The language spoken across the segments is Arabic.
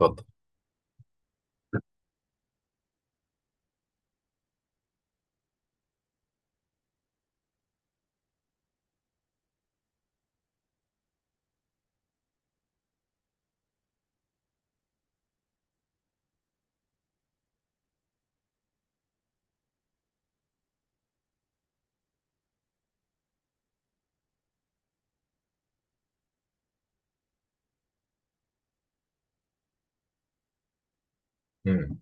اتفضل. مم.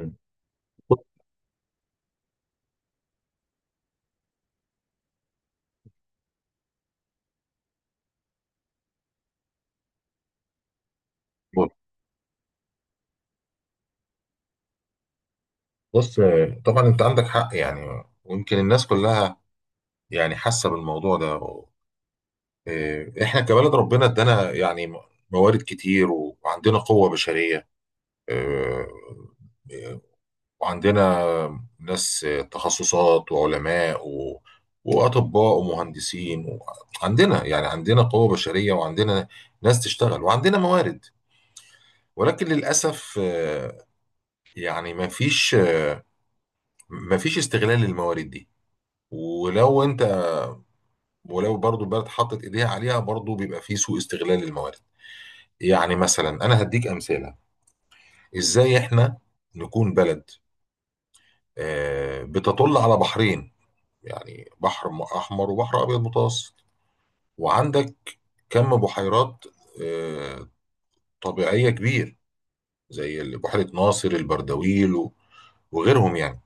مم. بص، بص، طبعا انت عندك حق، يعني ويمكن الناس كلها يعني حاسه بالموضوع ده. إيه، احنا كبلد ربنا ادانا يعني موارد كتير، وعندنا قوه بشريه. إيه، إيه، وعندنا ناس، تخصصات وعلماء واطباء ومهندسين عندنا يعني عندنا قوه بشريه وعندنا ناس تشتغل وعندنا موارد، ولكن للاسف، يعني ما فيش مفيش استغلال للموارد دي. ولو انت ولو برضو البلد حطت ايديها عليها، برضو بيبقى في سوء استغلال للموارد. يعني مثلا انا هديك امثله. ازاي احنا نكون بلد بتطل على بحرين، يعني بحر احمر وبحر ابيض متوسط، وعندك كم بحيرات آه، طبيعيه كبير، زي بحيره ناصر البردويل وغيرهم يعني،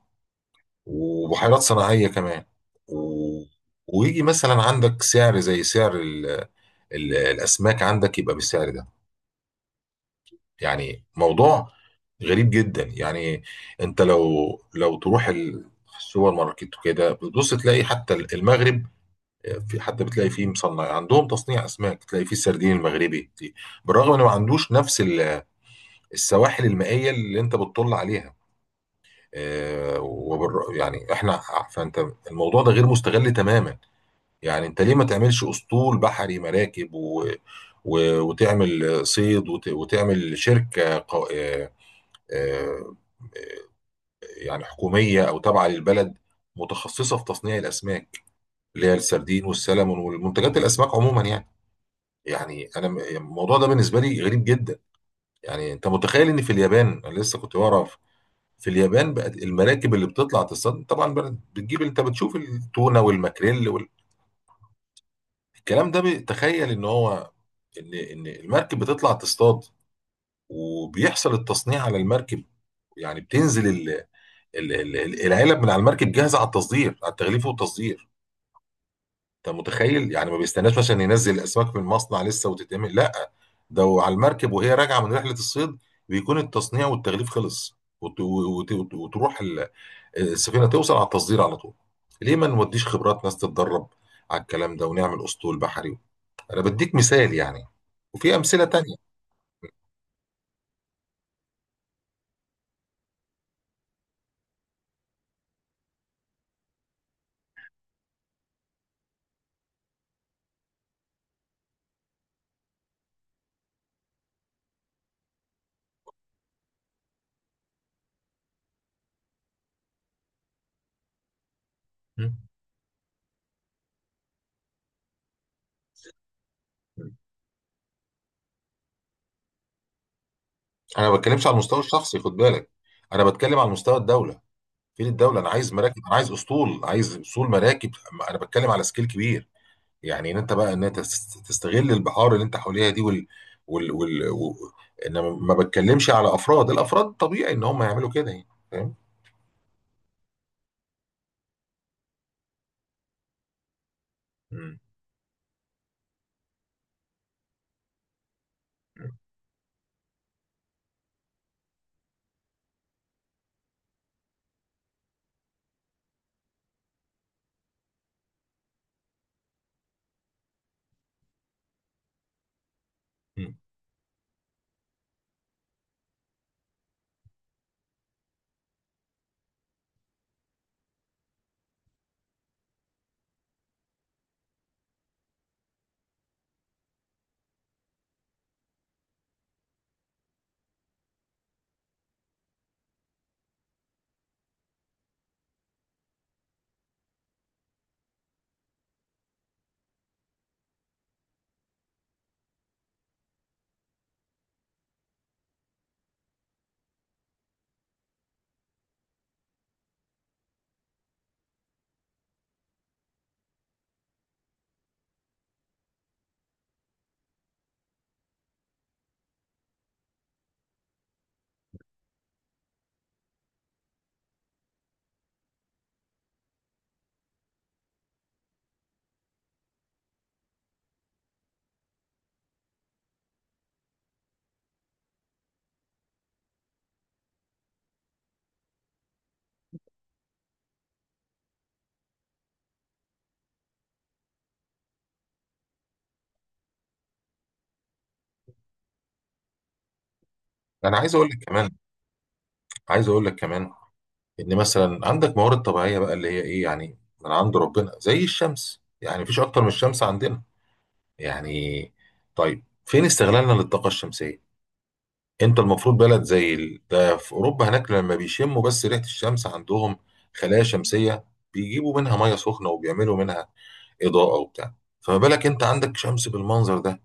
وبحيرات صناعيه كمان و- ويجي مثلا عندك سعر زي سعر الاسماك، عندك يبقى بالسعر ده. يعني موضوع غريب جدا يعني. انت لو تروح السوبر ماركت وكده بتبص، تلاقي حتى المغرب، آه، في حتى بتلاقي فيه مصنع عندهم تصنيع اسماك، تلاقي فيه السردين المغربي، بالرغم انه ما عندوش نفس السواحل المائيه اللي انت بتطل عليها. يعني احنا، فانت الموضوع ده غير مستغل تماما. يعني انت ليه ما تعملش اسطول بحري مراكب وتعمل صيد وتعمل شركة قو... آه، آه، يعني حكومية او تابعة للبلد، متخصصة في تصنيع الاسماك، اللي هي السردين والسلمون والمنتجات الاسماك عموما يعني. يعني الموضوع ده بالنسبة لي غريب جدا. يعني انت متخيل ان في اليابان، انا لسه كنت بعرف في اليابان بقت المراكب اللي بتطلع تصطاد، طبعا بقت بتجيب، انت بتشوف التونة والماكريل. الكلام ده بيتخيل ان هو ان المركب بتطلع تصطاد، وبيحصل التصنيع على المركب. يعني بتنزل العلب من على المركب، جاهزه على التصدير، على التغليف والتصدير. انت متخيل؟ يعني ما بيستناش مثلا ينزل الاسماك من المصنع لسه وتتعمل، لا ده على المركب وهي راجعه من رحله الصيد، بيكون التصنيع والتغليف خلص، وتروح السفينه، توصل على التصدير على طول. ليه ما نوديش خبرات ناس تتدرب على الكلام ده ونعمل اسطول بحري؟ انا بديك مثال يعني، وفي امثله تانية. م؟ انا ما بتكلمش على المستوى الشخصي، خد بالك. انا بتكلم على مستوى الدوله. فين الدوله؟ انا عايز مراكب، انا عايز اسطول، عايز اسطول مراكب. انا بتكلم على سكيل كبير، يعني ان انت بقى تستغل البحار اللي انت حواليها دي وال وال و... انا ما بتكلمش على افراد. الافراد طبيعي ان هم يعملوا كده يعني، فاهم. م. م. انا عايز اقول لك كمان، عايز اقول لك كمان ان مثلا عندك موارد طبيعيه بقى، اللي هي ايه يعني، من عند ربنا زي الشمس. يعني مفيش اكتر من الشمس عندنا يعني. طيب، فين استغلالنا للطاقه الشمسيه؟ انت المفروض بلد زي ده في اوروبا هناك، لما بيشموا بس ريحه الشمس عندهم، خلايا شمسيه، بيجيبوا منها ميه سخنه، وبيعملوا منها اضاءه وبتاع. فما بالك انت عندك شمس بالمنظر ده؟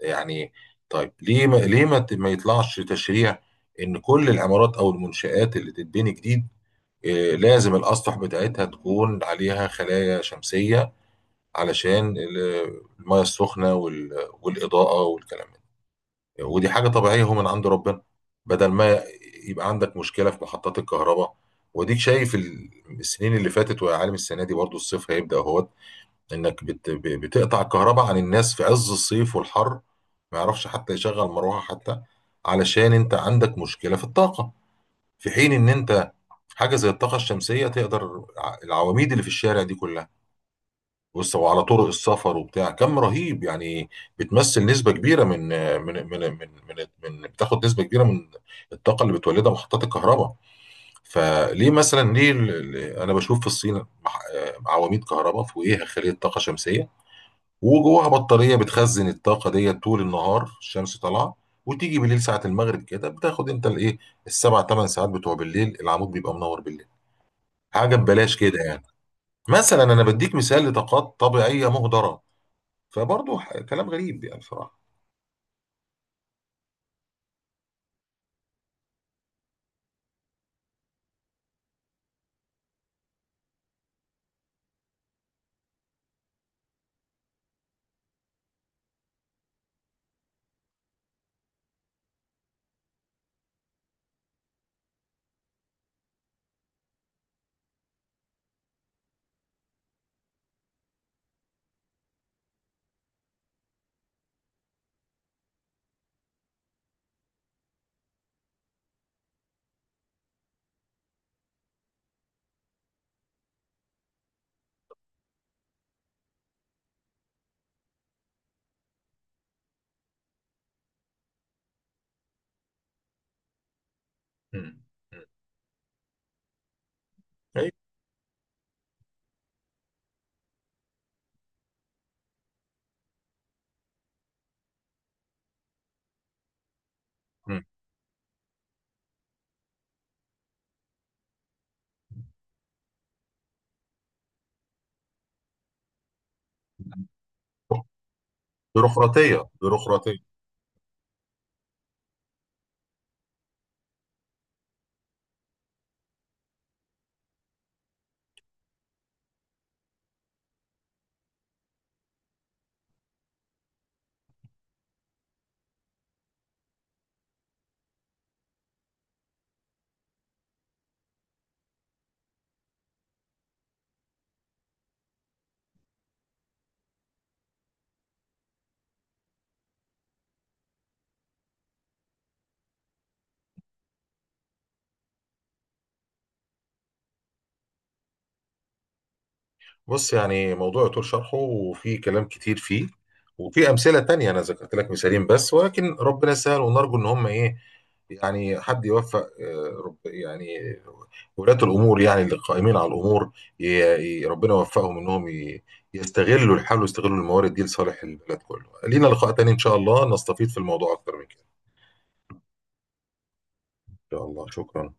يعني طيب، ليه ما ليه ما ت- ما يطلعش تشريع ان كل العمارات او المنشآت اللي تتبني جديد، لازم الأسطح بتاعتها تكون عليها خلايا شمسية، علشان المية السخنة والإضاءة والكلام ده، ودي حاجة طبيعية هو من عند ربنا. بدل ما يبقى عندك مشكلة في محطات الكهرباء، وديك شايف السنين اللي فاتت، ويا عالم السنة دي برضو الصيف هيبدأ اهوت، إنك بتقطع الكهرباء عن الناس في عز الصيف والحر، ما يعرفش حتى يشغل مروحة حتى، علشان أنت عندك مشكلة في الطاقة. في حين ان انت، حاجه زي الطاقه الشمسيه، تقدر العواميد اللي في الشارع دي كلها، بص، وعلى طرق السفر وبتاع، كم رهيب يعني، بتمثل نسبه كبيره من بتاخد نسبه كبيره من الطاقه اللي بتولدها محطات الكهرباء. فليه مثلا؟ ليه انا بشوف في الصين عواميد كهرباء فوقيها خليه طاقه شمسيه، وجواها بطاريه بتخزن الطاقه ديت، طول النهار الشمس طالعه، وتيجي بالليل ساعه المغرب كده بتاخد انت الايه، السبع ثمان ساعات بتوع بالليل، العمود بيبقى منور بالليل، حاجه ببلاش كده يعني. مثلا انا بديك مثال لطاقات طبيعيه مهدره، فبرضه كلام غريب يعني بصراحه. مم. مم. أيوة. مم. بيروقراطيه، بيروقراطيه. بص، يعني موضوع يطول شرحه، وفي كلام كتير فيه، وفي امثله تانية. انا ذكرت لك مثالين بس، ولكن ربنا يسهل، ونرجو ان هم ايه، يعني حد يوفق، رب يعني، ولاة الامور، يعني اللي قائمين على الامور، ي- ربنا يوفقهم انهم يستغلوا الحال ويستغلوا الموارد دي لصالح البلد كله. لينا لقاء تاني ان شاء الله، نستفيد في الموضوع اكتر من كده. ان شاء الله، شكرا.